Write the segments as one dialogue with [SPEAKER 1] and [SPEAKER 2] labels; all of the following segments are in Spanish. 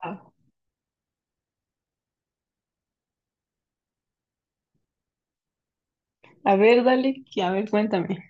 [SPEAKER 1] Ah, a ver, dale, a ver, cuéntame.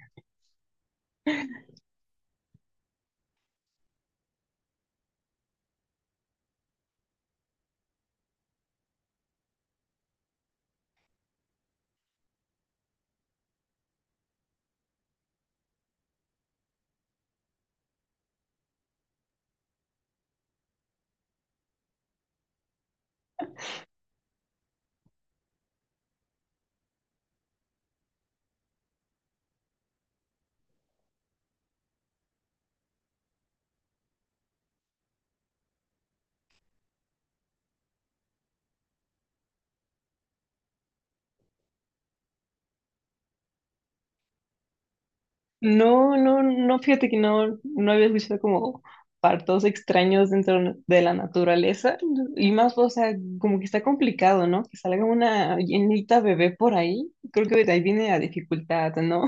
[SPEAKER 1] No, fíjate que no, no había escuchado como partos extraños dentro de la naturaleza y más, o sea, como que está complicado, ¿no? Que salga una llenita bebé por ahí, creo que de ahí viene la dificultad, ¿no?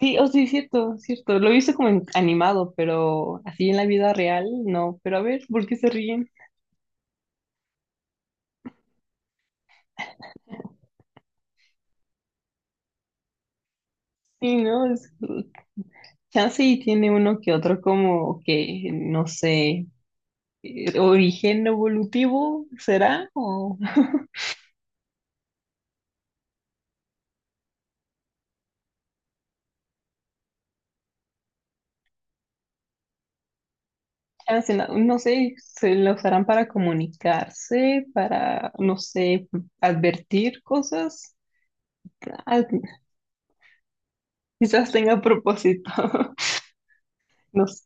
[SPEAKER 1] Sí, oh sí, cierto, cierto, lo he visto como animado, pero así en la vida real, no, pero a ver, ¿por qué se ríen? Sí, ¿no? Chance y tiene uno que otro como que, no sé. Origen evolutivo, ¿será? O, chance, no, no sé, se la usarán para comunicarse, para, no sé, advertir cosas. Ah, quizás tenga propósito. No sé.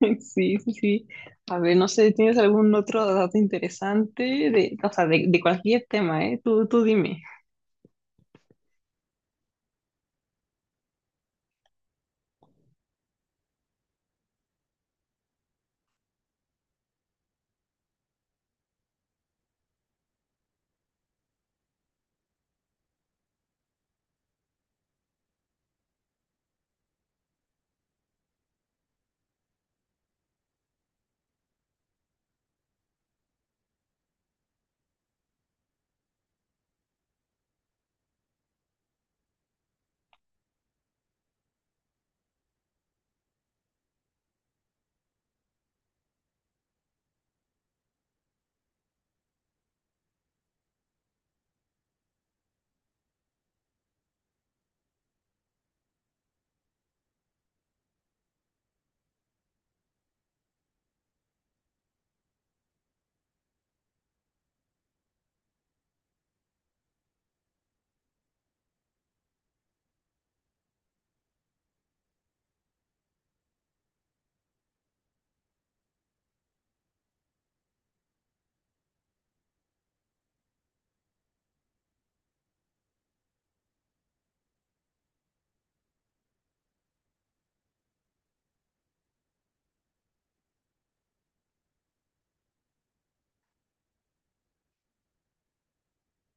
[SPEAKER 1] Sí, sí, sí. A ver, no sé, ¿tienes algún otro dato interesante de, o sea, de cualquier tema, eh? Tú dime.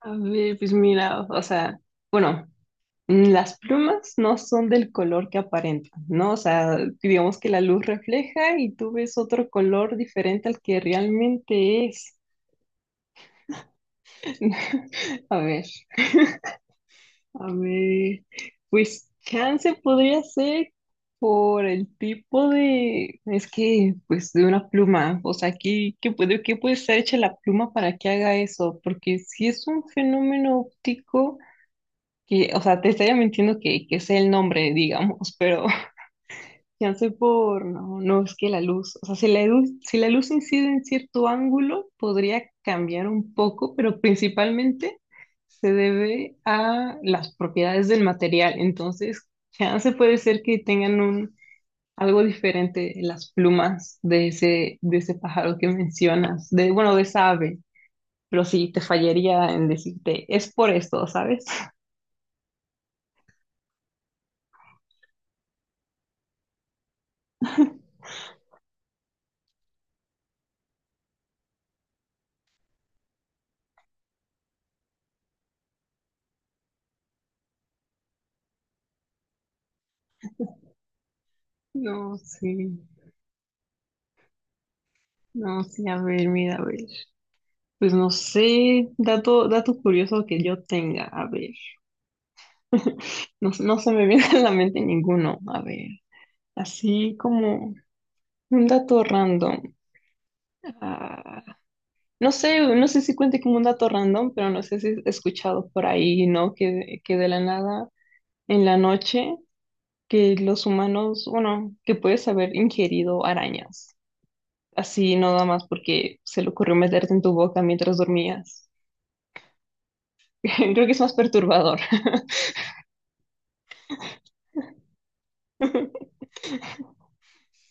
[SPEAKER 1] A ver, pues mira, o sea, bueno. Mm, las plumas no son del color que aparentan, ¿no? O sea, digamos que la luz refleja y tú ves otro color diferente al que realmente es. A ver, a ver, pues chance podría ser por el tipo de, es que, pues de una pluma, o sea, ¿qué, qué puede estar hecha la pluma para que haga eso? Porque si es un fenómeno óptico, que, o sea, te estaría mintiendo que sea el nombre, digamos, pero... Chance por, no, no, es que la luz, o sea, si la luz, si la luz incide en cierto ángulo, podría cambiar un poco, pero principalmente se debe a las propiedades del material. Entonces, chance puede ser que tengan un, algo diferente en las plumas de ese pájaro que mencionas, de, bueno, de esa ave, pero sí, te fallaría en decirte, es por esto, ¿sabes? No, sí, no, sí, a ver, mira, a ver. Pues no sé, dato curioso que yo tenga, a ver, no, no se me viene a la mente ninguno, a ver, así como un dato random. Ah, no sé, no sé si cuente como un dato random, pero no sé si he escuchado por ahí, ¿no? Que de la nada, en la noche, que los humanos, bueno, que puedes haber ingerido arañas, así no nada más porque se le ocurrió meterte en tu boca mientras dormías. Creo que es más perturbador.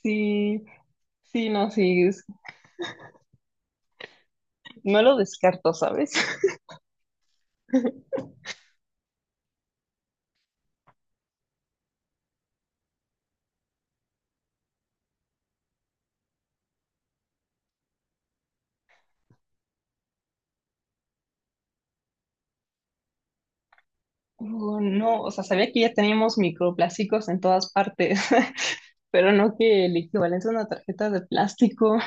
[SPEAKER 1] Sí. Sí, no, sí, no lo descarto, ¿sabes? No, o sea, sabía que ya teníamos microplásticos en todas partes, pero no que el equivalente a una tarjeta de plástico.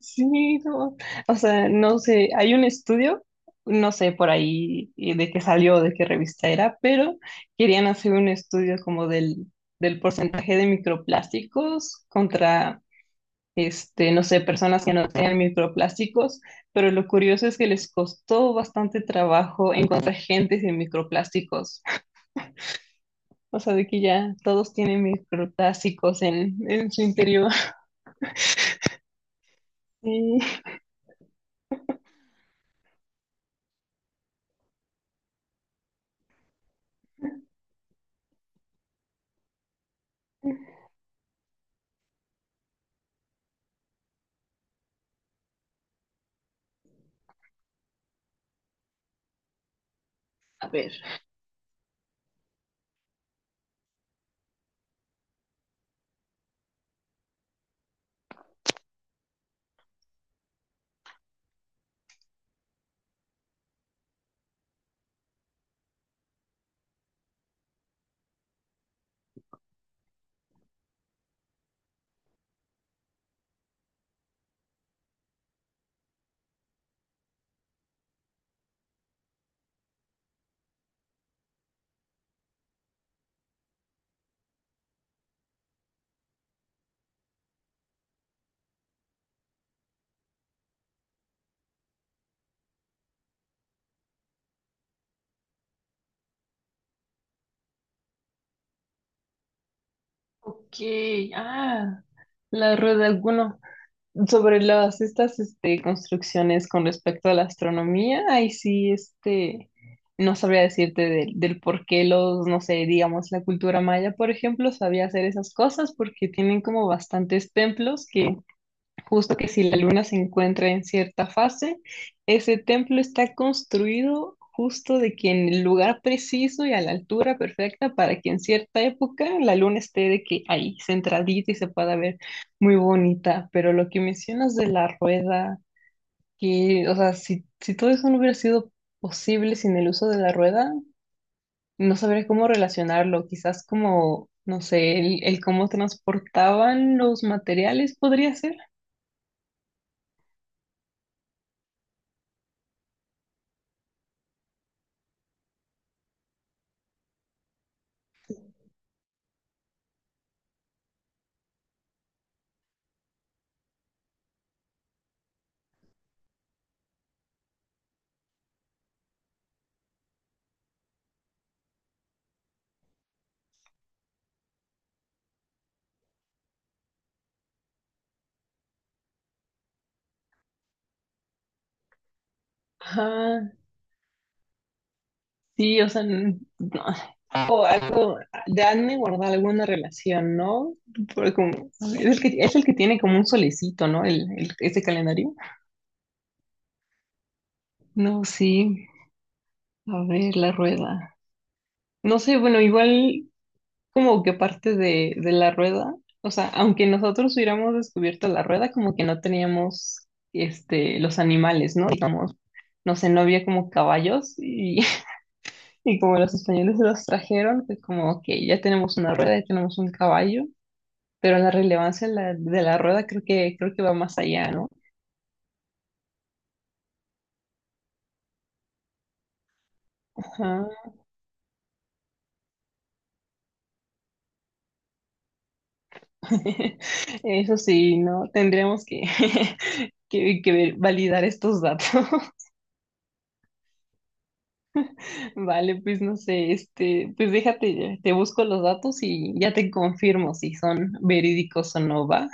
[SPEAKER 1] Sí, no, o sea, no sé, hay un estudio, no sé por ahí de qué salió, de qué revista era, pero querían hacer un estudio como del, del porcentaje de microplásticos contra este, no sé, personas que no tenían microplásticos, pero lo curioso es que les costó bastante trabajo encontrar gente sin microplásticos. O sea, de que ya todos tienen microplásticos en su interior. Y, a ver, ok, ah, la rueda, bueno, sobre las estas este, construcciones con respecto a la astronomía, ahí sí, este, no sabría decirte del, del por qué los, no sé, digamos, la cultura maya, por ejemplo, sabía hacer esas cosas porque tienen como bastantes templos que justo que si la luna se encuentra en cierta fase, ese templo está construido justo de que en el lugar preciso y a la altura perfecta para que en cierta época la luna esté de que ahí centradita y se pueda ver muy bonita. Pero lo que mencionas de la rueda, que, o sea, si, si todo eso no hubiera sido posible sin el uso de la rueda, no sabría cómo relacionarlo. Quizás como, no sé, el cómo transportaban los materiales podría ser. Ajá. Sí, o sea, no. O algo, de han de guardar alguna relación, ¿no? Porque es el que tiene como un solecito, ¿no? El, ese calendario. No, sí. A ver, la rueda. No sé, bueno, igual como que parte de la rueda, o sea, aunque nosotros hubiéramos descubierto la rueda, como que no teníamos este, los animales, ¿no? Digamos, no sé, no había como caballos y como los españoles los trajeron, pues como, ok, ya tenemos una rueda, ya tenemos un caballo, pero la relevancia de la rueda creo que va más allá, ¿no? Ajá. Eso sí, ¿no? Tendríamos que, que validar estos datos. Vale, pues no sé, este, pues déjate, te busco los datos y ya te confirmo si son verídicos o no, ¿va?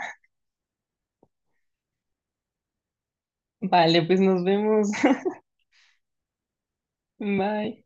[SPEAKER 1] Vale, pues nos vemos. Bye.